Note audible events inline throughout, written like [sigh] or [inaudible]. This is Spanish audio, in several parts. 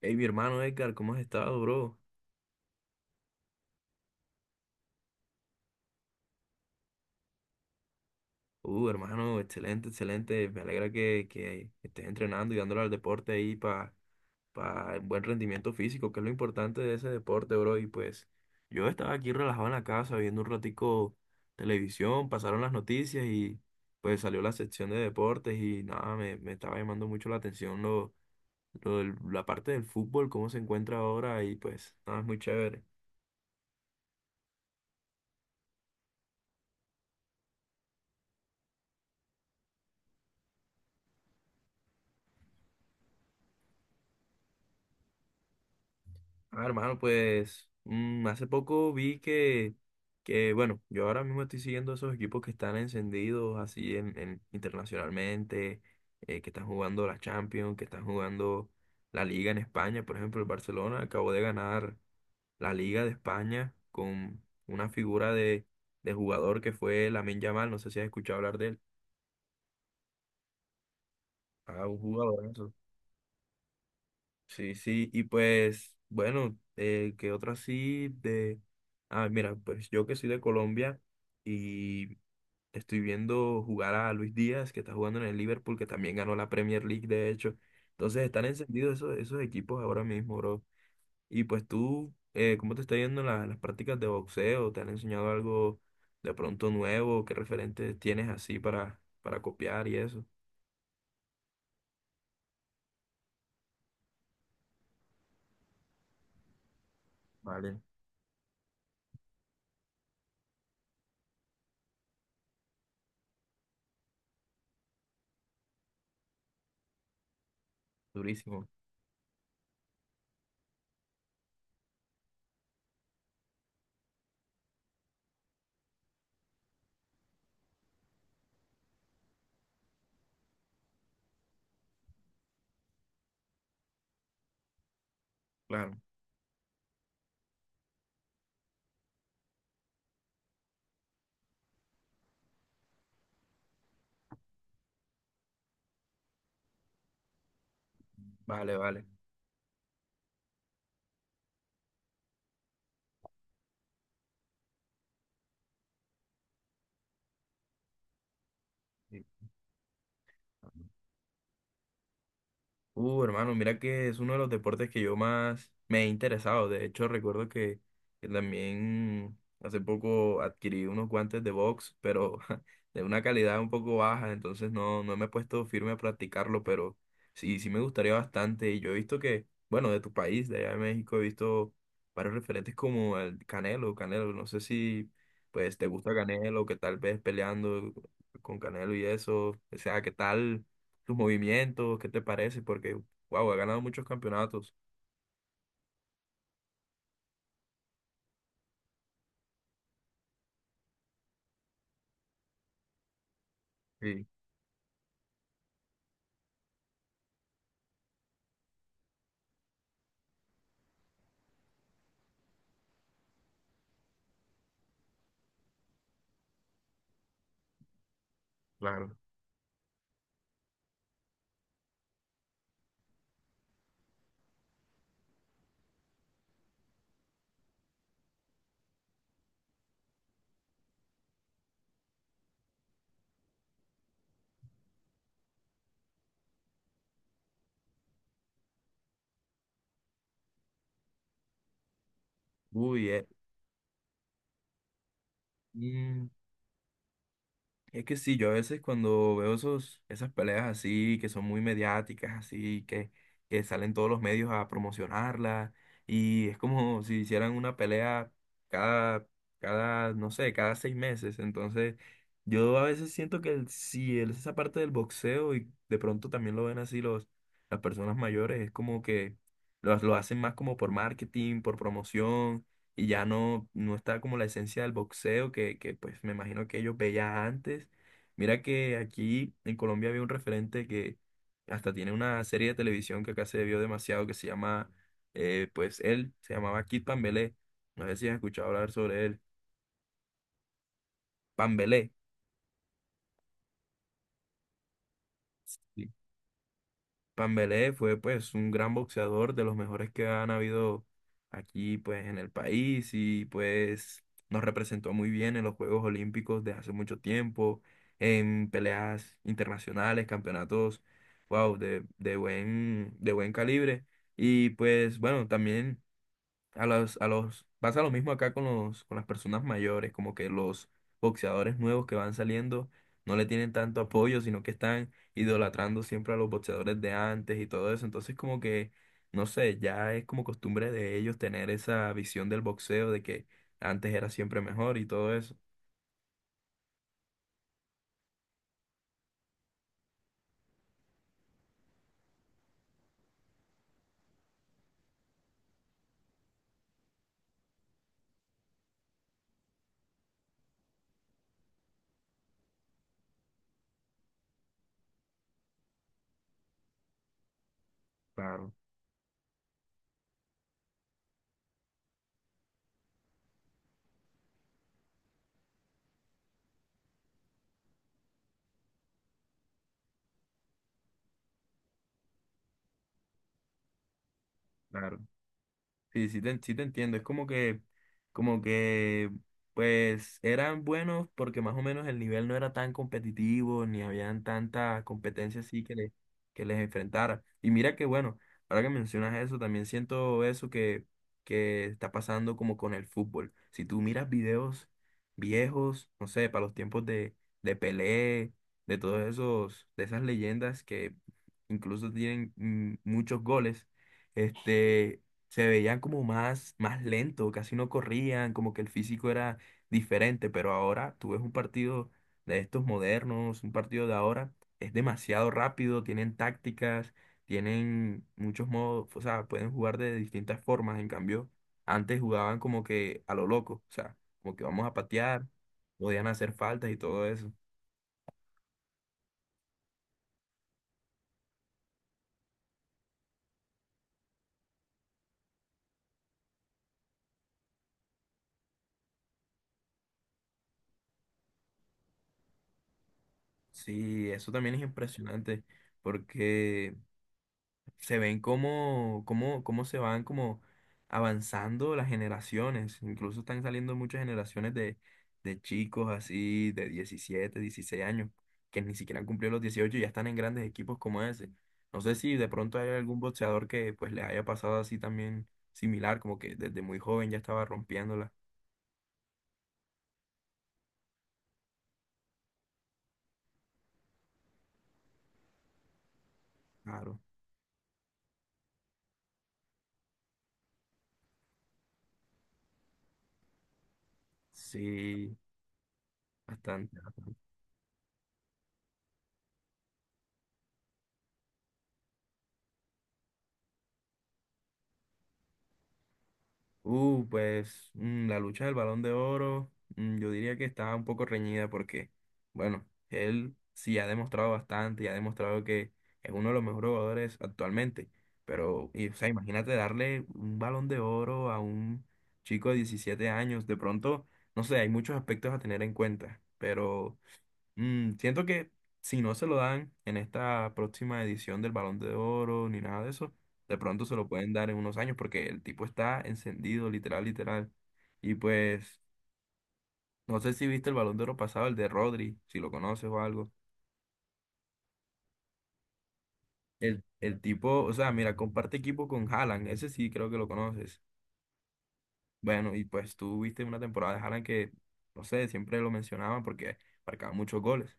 Hey, mi hermano Edgar, ¿cómo has estado, bro? Hermano, excelente, excelente. Me alegra que estés entrenando y dándole al deporte ahí para buen rendimiento físico, que es lo importante de ese deporte, bro. Y pues yo estaba aquí relajado en la casa viendo un ratico televisión, pasaron las noticias y pues salió la sección de deportes y nada, me estaba llamando mucho la atención la parte del fútbol, cómo se encuentra ahora y pues nada, es muy chévere. Ah, hermano, pues hace poco vi que, bueno, yo ahora mismo estoy siguiendo esos equipos que están encendidos así internacionalmente, que están jugando la Champions, que están jugando la Liga en España. Por ejemplo, el Barcelona acabó de ganar la Liga de España con una figura de jugador que fue Lamine Yamal. No sé si has escuchado hablar de él. Ah, un jugador. Sí, sí, y pues, bueno, ¿qué otro así de? Ah, mira, pues yo que soy de Colombia y estoy viendo jugar a Luis Díaz, que está jugando en el Liverpool, que también ganó la Premier League, de hecho. Entonces están encendidos esos equipos ahora mismo, bro. Y pues tú, ¿cómo te está yendo en las prácticas de boxeo? ¿Te han enseñado algo de pronto nuevo? ¿Qué referentes tienes así para copiar y eso? Vale, durísimo, claro. Vale, vale. Sí. Hermano, mira que es uno de los deportes que yo más me he interesado. De hecho, recuerdo que también hace poco adquirí unos guantes de box, pero [laughs] de una calidad un poco baja, entonces no, no me he puesto firme a practicarlo, pero sí, sí me gustaría bastante. Y yo he visto que, bueno, de tu país, de allá de México, he visto varios referentes como el Canelo, no sé si pues te gusta Canelo, que tal vez peleando con Canelo y eso, o sea, ¿qué tal tus movimientos, qué te parece? Porque, wow, ha ganado muchos campeonatos. Sí, claro. Uy, eh, es que sí, yo a veces cuando veo esas peleas así, que son muy mediáticas, así, que salen todos los medios a promocionarla, y es como si hicieran una pelea cada, cada, no sé, cada 6 meses. Entonces, yo a veces siento que el- si el- esa parte del boxeo, y de pronto también lo ven así las personas mayores, es como que lo hacen más como por marketing, por promoción y ya no, no está como la esencia del boxeo que pues me imagino que ellos veían antes. Mira que aquí en Colombia había un referente que hasta tiene una serie de televisión que acá se vio demasiado que se llama, pues él se llamaba Kid Pambelé. No sé si has escuchado hablar sobre él. Pambelé. Sí. Pambelé fue pues un gran boxeador, de los mejores que han habido aquí pues en el país y pues nos representó muy bien en los Juegos Olímpicos de hace mucho tiempo, en peleas internacionales, campeonatos, wow, de buen calibre. Y pues bueno, también pasa lo mismo acá con con las personas mayores, como que los boxeadores nuevos que van saliendo no le tienen tanto apoyo, sino que están idolatrando siempre a los boxeadores de antes y todo eso. Entonces como que, no sé, ya es como costumbre de ellos tener esa visión del boxeo de que antes era siempre mejor y todo eso. Claro, claro. Sí, sí te entiendo. Es como que, pues, eran buenos porque más o menos el nivel no era tan competitivo, ni habían tanta competencia así que les enfrentara. Y mira que, bueno, ahora que mencionas eso, también siento eso que está pasando como con el fútbol. Si tú miras videos viejos, no sé, para los tiempos de Pelé, de todos esos, de esas leyendas que incluso tienen muchos goles. Este, se veían como más, más lento, casi no corrían, como que el físico era diferente, pero ahora tú ves un partido de estos modernos, un partido de ahora, es demasiado rápido, tienen tácticas, tienen muchos modos, o sea, pueden jugar de distintas formas, en cambio, antes jugaban como que a lo loco, o sea, como que vamos a patear, podían hacer faltas y todo eso. Sí, eso también es impresionante, porque se ven cómo se van como avanzando las generaciones. Incluso están saliendo muchas generaciones de chicos así de 17 16 años, que ni siquiera han cumplido los 18 y ya están en grandes equipos como ese. No sé si de pronto hay algún boxeador que pues le haya pasado así también similar, como que desde muy joven ya estaba rompiéndola. Claro, sí, bastante. Pues la lucha del Balón de Oro, yo diría que está un poco reñida porque, bueno, él sí ha demostrado bastante y ha demostrado que es uno de los mejores jugadores actualmente. Pero, o sea, imagínate darle un Balón de Oro a un chico de 17 años. De pronto, no sé, hay muchos aspectos a tener en cuenta, pero siento que si no se lo dan en esta próxima edición del Balón de Oro ni nada de eso, de pronto se lo pueden dar en unos años porque el tipo está encendido, literal, literal. Y pues, no sé si viste el Balón de Oro pasado, el de Rodri, si lo conoces o algo. El tipo, o sea, mira, comparte equipo con Haaland, ese sí creo que lo conoces. Bueno, y pues tú viste una temporada de Haaland que, no sé, siempre lo mencionaban porque marcaba muchos goles.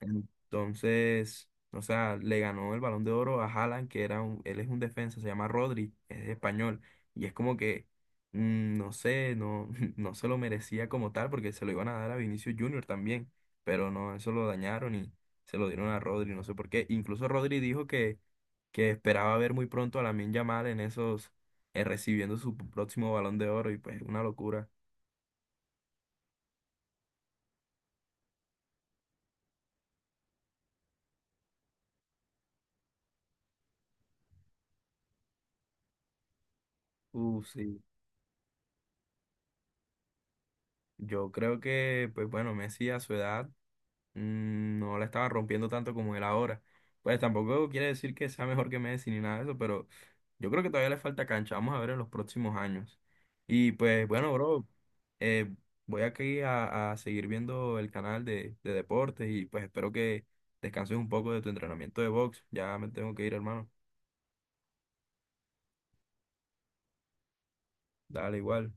Entonces, o sea, le ganó el Balón de Oro a Haaland, que era él es un defensa, se llama Rodri, es español. Y es como que, no sé, no, [laughs] no se lo merecía como tal, porque se lo iban a dar a Vinicius Junior también. Pero no, eso lo dañaron y se lo dieron a Rodri, no sé por qué. Incluso Rodri dijo que esperaba ver muy pronto a Lamine Yamal en esos, recibiendo su próximo Balón de Oro, y pues una locura. Sí. Yo creo que, pues bueno, Messi a su edad, no la estaba rompiendo tanto como él ahora. Pues tampoco quiere decir que sea mejor que Messi ni nada de eso, pero yo creo que todavía le falta cancha. Vamos a ver en los próximos años. Y pues bueno, bro, eh, voy aquí a seguir viendo el canal de deportes y pues espero que descanses un poco de tu entrenamiento de box. Ya me tengo que ir, hermano. Dale igual.